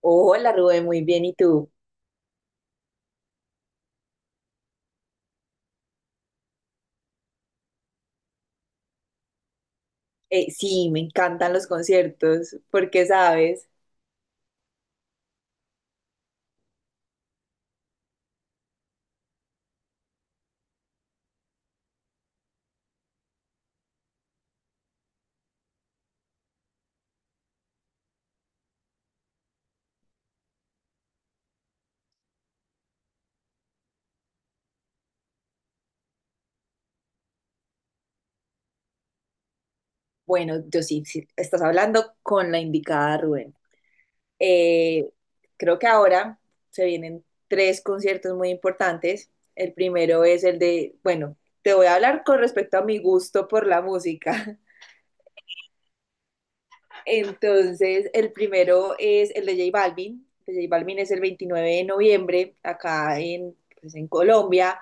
Hola Rubén, muy bien. ¿Y tú? Sí, me encantan los conciertos, porque sabes, bueno, yo sí, estás hablando con la indicada, Rubén. Eh, Creo que ahora se vienen tres conciertos muy importantes. El primero es el de, bueno, te voy a hablar con respecto a mi gusto por la música. Entonces, el primero es el de J Balvin. El de J Balvin es el 29 de noviembre, acá en, pues, en Colombia.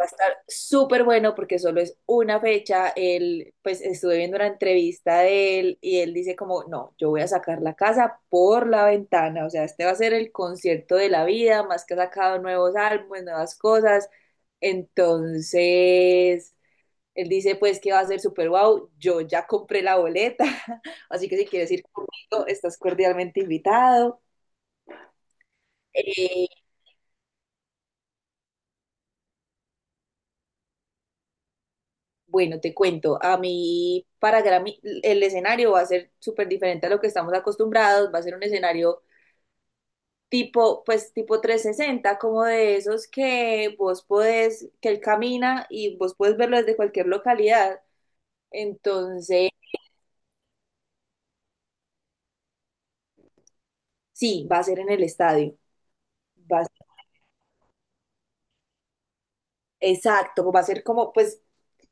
Va a estar súper bueno porque solo es una fecha. Él, pues estuve viendo una entrevista de él y él dice como, no, yo voy a sacar la casa por la ventana. O sea, este va a ser el concierto de la vida, más que ha sacado nuevos álbumes, nuevas cosas. Entonces, él dice pues que va a ser súper guau. Yo ya compré la boleta, así que si quieres ir conmigo, estás cordialmente invitado. Eh, Bueno, te cuento, a mí para Grammy el escenario va a ser súper diferente a lo que estamos acostumbrados, va a ser un escenario tipo, pues tipo 360, como de esos que vos podés, que él camina y vos podés verlo desde cualquier localidad. Entonces, sí, va a ser en el estadio. Exacto, va a ser como, pues,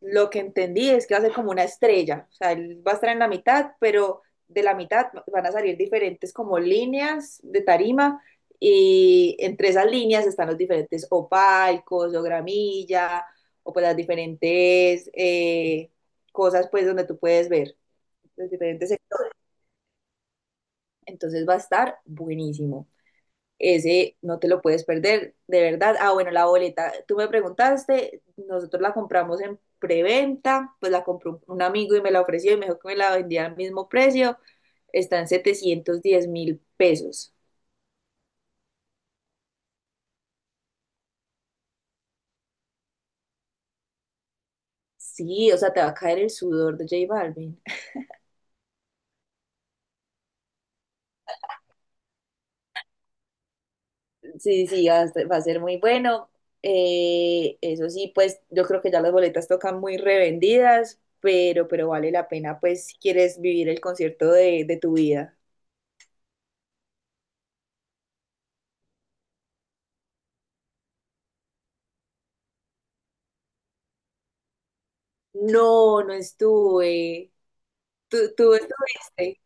lo que entendí es que va a ser como una estrella, o sea, él va a estar en la mitad, pero de la mitad van a salir diferentes como líneas de tarima y entre esas líneas están los diferentes o palcos o gramilla o pues las diferentes cosas pues donde tú puedes ver, los diferentes. Entonces va a estar buenísimo. Ese no te lo puedes perder, de verdad. Ah, bueno, la boleta, tú me preguntaste, nosotros la compramos en preventa, pues la compró un amigo y me la ofreció y me dijo que me la vendía al mismo precio, está en 710.000 pesos. Sí, o sea, te va a caer el sudor de J Balvin. Sí, sí, va a ser muy bueno. Eso sí, pues yo creo que ya las boletas tocan muy revendidas, pero vale la pena, pues, si quieres vivir el concierto de tu vida. No, no estuve. ¿¿Tú estuviste?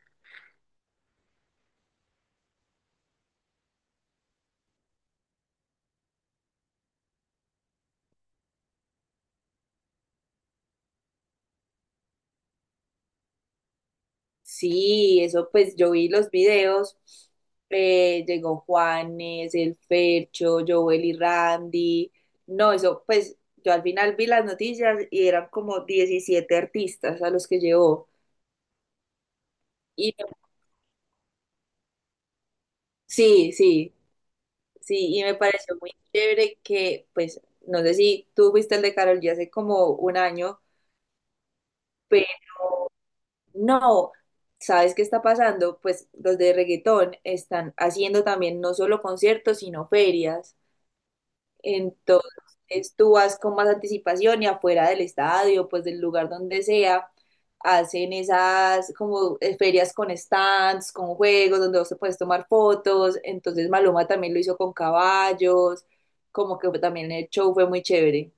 Sí, eso pues yo vi los videos. Llegó Juanes, el Fercho, Joel y Randy. No, eso pues yo al final vi las noticias y eran como 17 artistas a los que llevó. Y sí, sí, sí, y me pareció muy chévere que pues no sé si tú fuiste el de Karol G hace como un año. No, ¿sabes qué está pasando? Pues los de reggaetón están haciendo también no solo conciertos, sino ferias. Entonces tú vas con más anticipación y afuera del estadio, pues del lugar donde sea, hacen esas como ferias con stands, con juegos donde vos te puedes tomar fotos. Entonces Maluma también lo hizo con caballos, como que también el show fue muy chévere.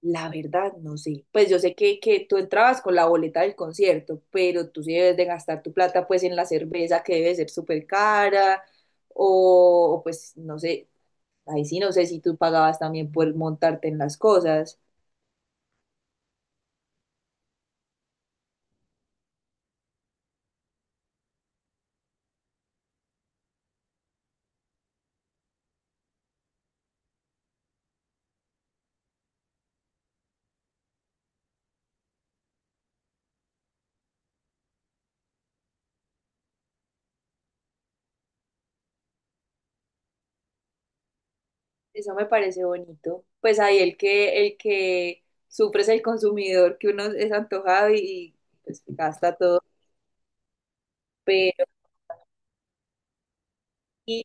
La verdad, no sé. Pues yo sé que tú entrabas con la boleta del concierto, pero tú sí debes de gastar tu plata pues en la cerveza que debe ser súper cara, o, pues no sé, ahí sí no sé si tú pagabas también por montarte en las cosas. Eso me parece bonito. Pues ahí el que sufre es el consumidor, que uno es antojado y, pues gasta todo. Pero y-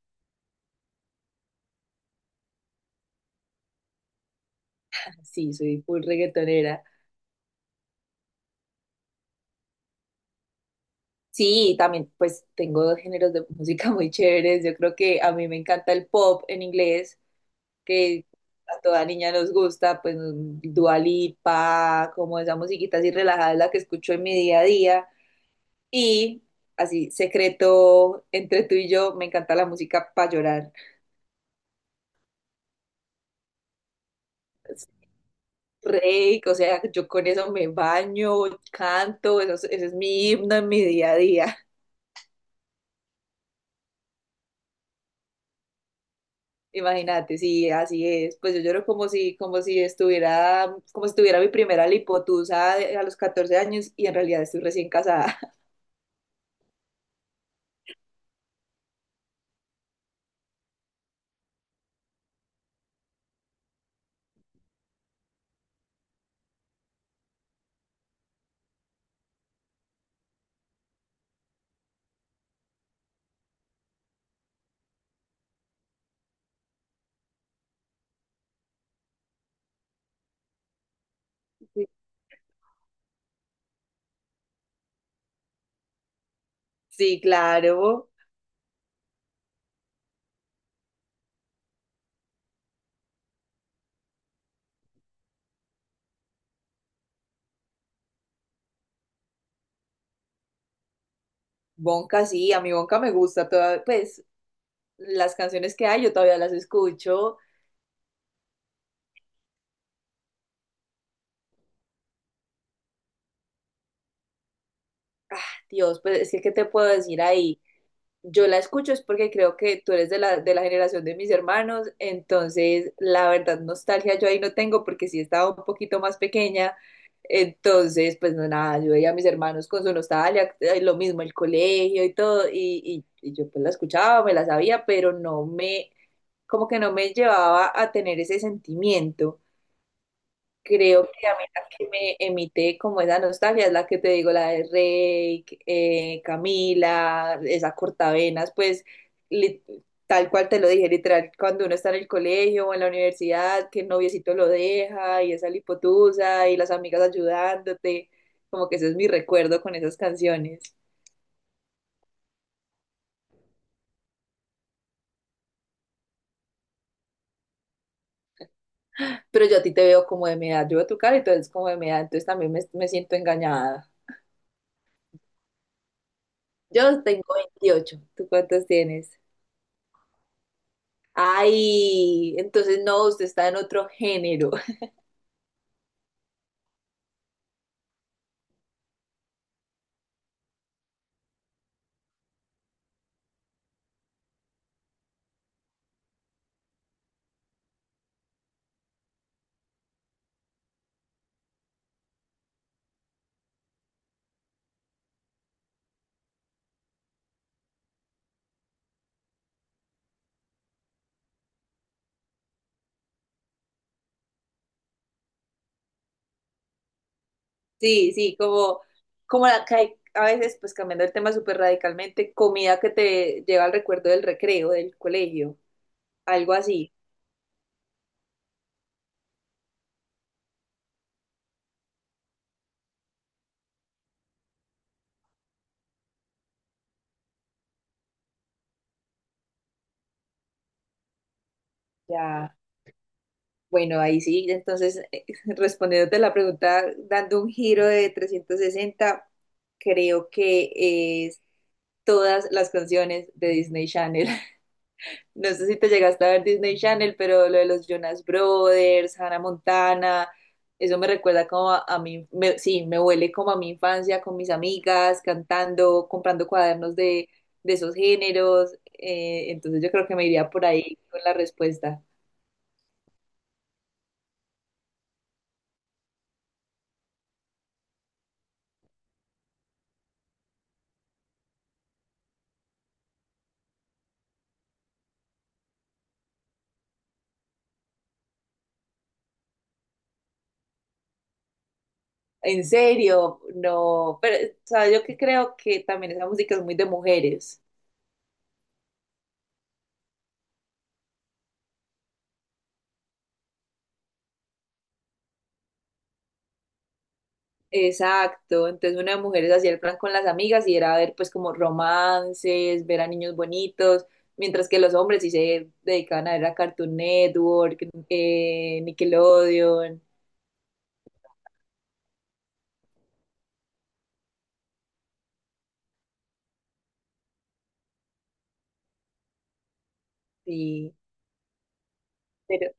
ah, sí, soy full reggaetonera. Sí, también pues tengo dos géneros de música muy chéveres. Yo creo que a mí me encanta el pop en inglés, que a toda niña nos gusta, pues Dua Lipa, como esa musiquita así relajada es la que escucho en mi día a día. Y así, secreto entre tú y yo, me encanta la música para llorar. Es Rey, o sea, yo con eso me baño, canto, eso, ese es mi himno en mi día a día. Imagínate, sí, así es. Pues yo lloro como si estuviera, como si tuviera mi primera lipotusa a los 14 años y en realidad estoy recién casada. Sí, claro. Bonca, sí, a mi Bonca me gusta toda, pues las canciones que hay yo todavía las escucho. Dios, pues es que, ¿qué te puedo decir ahí? Yo la escucho es porque creo que tú eres de la generación de mis hermanos, entonces la verdad nostalgia yo ahí no tengo porque sí estaba un poquito más pequeña, entonces pues no nada, yo veía a mis hermanos con su nostalgia, lo mismo el colegio y todo, y yo pues la escuchaba, me la sabía, pero no me, como que no me llevaba a tener ese sentimiento. Creo que a mí la que me emite como esa nostalgia es la que te digo, la de Reik, Camila, esa cortavenas, pues li- tal cual te lo dije, literal, cuando uno está en el colegio o en la universidad, que el noviecito lo deja y esa lipotusa y las amigas ayudándote, como que ese es mi recuerdo con esas canciones. Pero yo a ti te veo como de mi edad, yo veo tu cara y tú eres como de mi edad, entonces también me siento engañada. Yo tengo 28. ¿Tú cuántos tienes? Ay, entonces no, usted está en otro género. Sí, sí, como, como la que hay, a veces, pues cambiando el tema súper radicalmente, comida que te lleva al recuerdo del recreo, del colegio, algo así. Ya, bueno, ahí sí, entonces respondiéndote la pregunta, dando un giro de 360, creo que es todas las canciones de Disney Channel. No sé si te llegaste a ver Disney Channel, pero lo de los Jonas Brothers, Hannah Montana, eso me recuerda como a mí, sí, me huele como a mi infancia con mis amigas, cantando, comprando cuadernos de esos géneros. Entonces yo creo que me iría por ahí con la respuesta. En serio, no, pero sabes yo que creo que también esa música es muy de mujeres. Exacto, entonces una de mujeres hacía el plan con las amigas y era ver pues como romances, ver a niños bonitos, mientras que los hombres sí se dedicaban a ver a Cartoon Network, Nickelodeon, sí, pero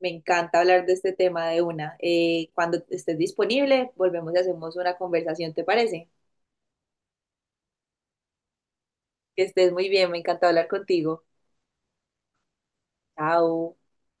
me encanta hablar de este tema de una. Cuando estés disponible, volvemos y hacemos una conversación, ¿te parece? Que estés muy bien, me encanta hablar contigo. Chao.